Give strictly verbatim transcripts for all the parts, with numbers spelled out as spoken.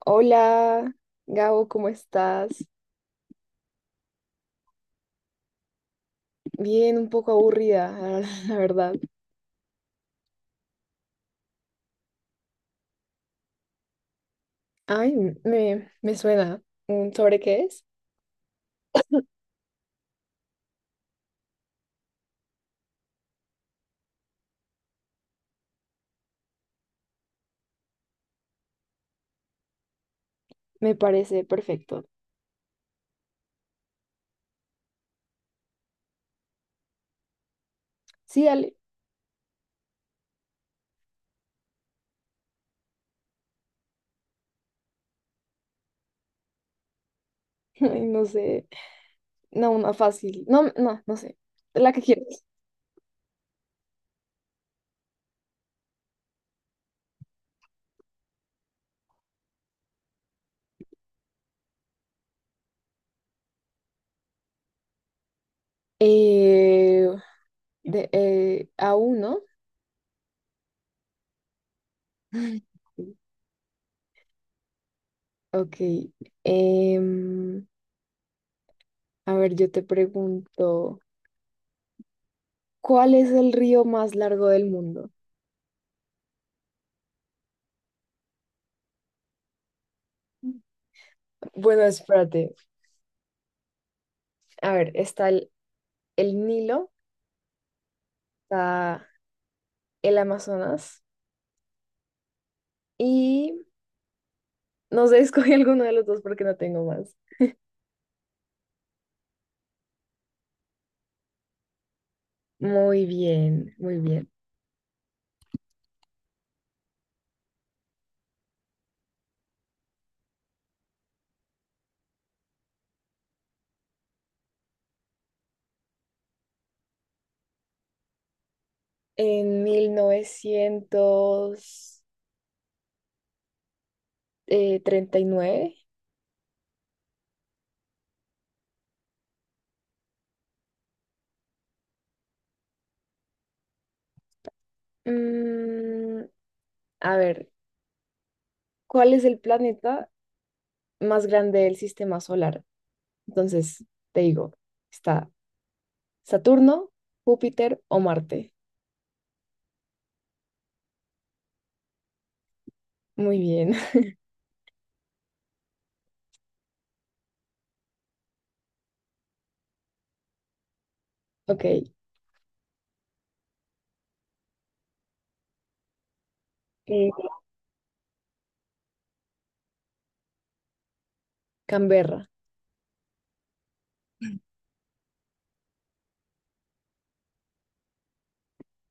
Hola, Gabo, ¿cómo estás? Bien, un poco aburrida, la verdad. Ay, me, me suena. Mm, ¿sobre qué es? Me parece perfecto. Sí, dale. Ay, no sé. No, una fácil. No, no, no sé. La que quieras. Eh, de, eh, aún, ¿no? Ok. em, a ver, yo te pregunto, ¿cuál es el río más largo del mundo? Bueno, espérate. A ver, está el el Nilo, está el Amazonas y no sé, escogí alguno de los dos porque no tengo más. Muy bien, muy bien. En mil novecientos treinta y nueve, mm, a ver, ¿cuál es el planeta más grande del sistema solar? Entonces, te digo, está Saturno, Júpiter o Marte. Muy bien, ok. Eh, Canberra.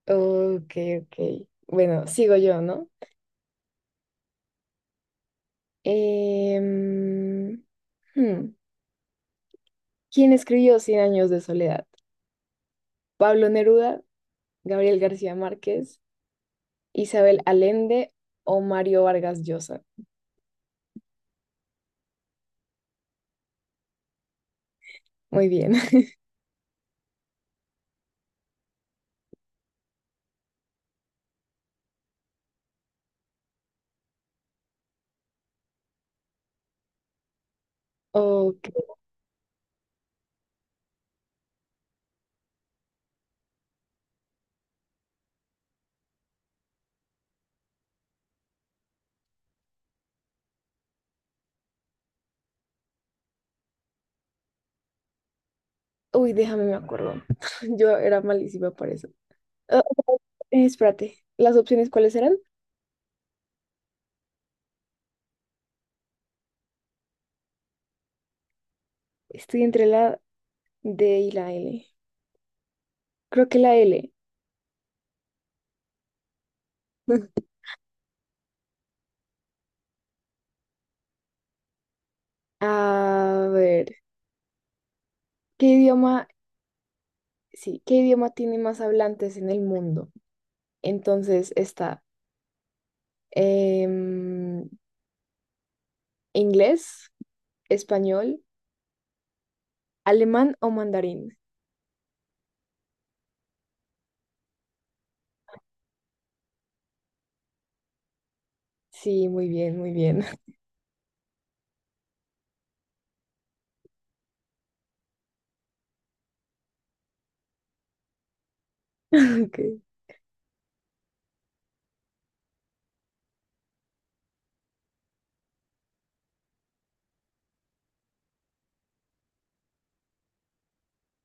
Ok, ok. Bueno, sigo yo, ¿no? Em, hmm, ¿Quién escribió Cien años de soledad? ¿Pablo Neruda, Gabriel García Márquez, Isabel Allende o Mario Vargas Llosa? Muy bien. Ok. Uy, déjame, me acuerdo. Yo era malísima por eso. Ah, eh, Espérate, ¿las opciones cuáles eran? Estoy entre la D y la L. Creo que la L. A ver, ¿qué idioma? Sí, ¿qué idioma tiene más hablantes en el mundo? Entonces está Em, inglés, español, alemán o mandarín. Sí, muy bien, muy bien. Ok.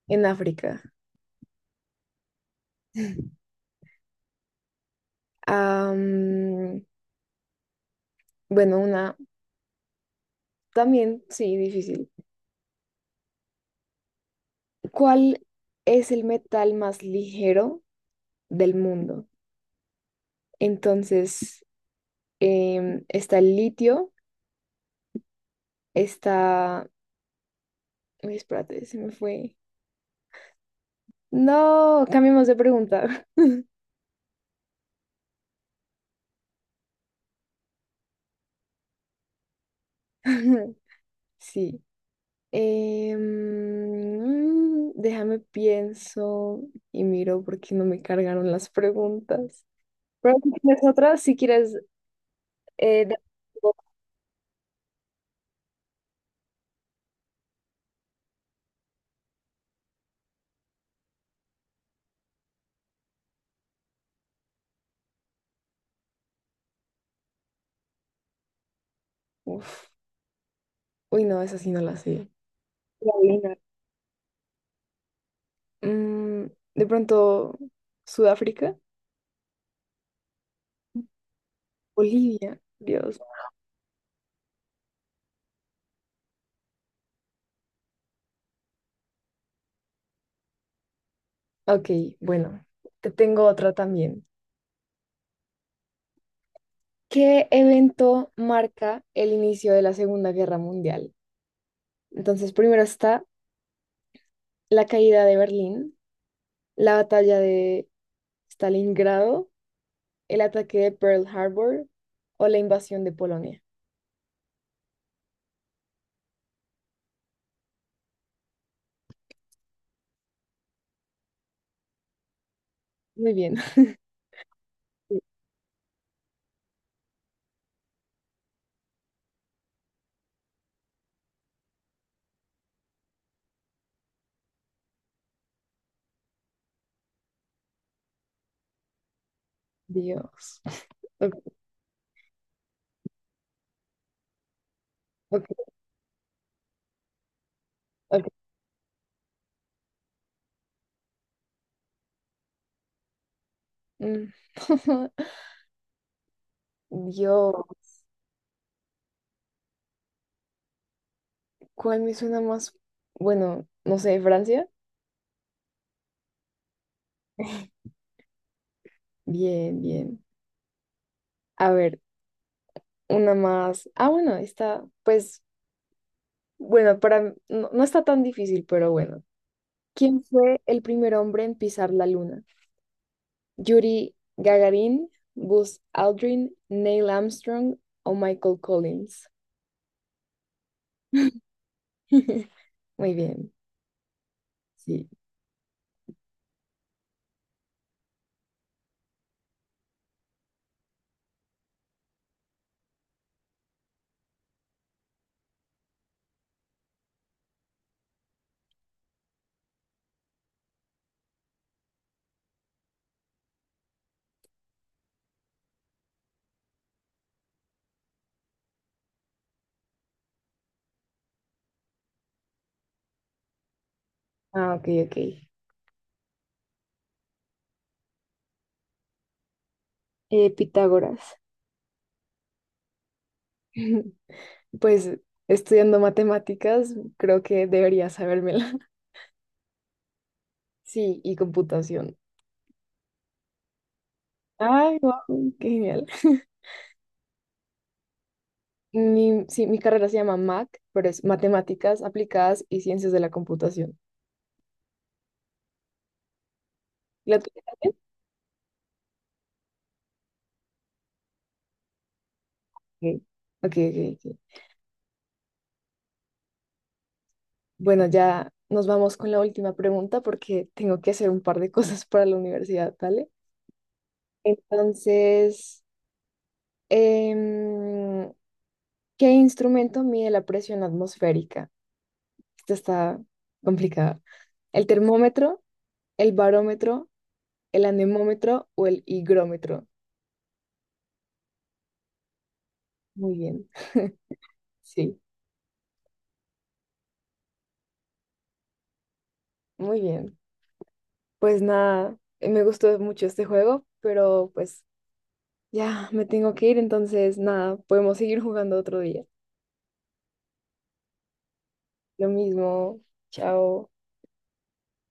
En África. Am, bueno, una también, sí, difícil. ¿Cuál es el metal más ligero del mundo? Entonces, em, está el litio, está... Uy, espérate, se me fue. No, cambiemos de pregunta. Sí. Em, déjame pienso y miro porque no me cargaron las preguntas. Pero si tienes otra, si quieres... eh, de- Uf, uy, no, esa sí no la sé. La adivinar. Mm, de pronto, Sudáfrica, Bolivia, Dios. Ok, bueno, te tengo otra también. ¿Qué evento marca el inicio de la Segunda Guerra Mundial? Entonces, primero está la caída de Berlín, la batalla de Stalingrado, el ataque de Pearl Harbor o la invasión de Polonia. Muy bien. Dios. Ok, ok, ok. Mm. Dios. ¿Cuál me suena más? Bueno, no sé, Francia. Bien, bien. A ver, una más. Ah, bueno, está, pues, bueno, para, no, no está tan difícil, pero bueno. ¿Quién fue el primer hombre en pisar la luna? ¿Yuri Gagarin, Buzz Aldrin, Neil Armstrong o Michael Collins? Muy bien, sí. Ah, ok, ok. Eh, Pitágoras. Pues estudiando matemáticas, creo que debería sabérmela. Sí, y computación. Ay, wow, qué genial. Mi, sí, mi carrera se llama MAC, pero es Matemáticas Aplicadas y Ciencias de la Computación. ¿La tuya también? Ok, ok, ok. ok. Bueno, ya nos vamos con la última pregunta porque tengo que hacer un par de cosas para la universidad, ¿vale? Entonces, em, ¿qué instrumento mide la presión atmosférica? Esta está complicada. ¿El termómetro, el barómetro, el anemómetro o el higrómetro? Muy bien, sí, muy bien. Pues nada, eh, me gustó mucho este juego, pero pues ya me tengo que ir, entonces nada, podemos seguir jugando otro día. Lo mismo. Chao.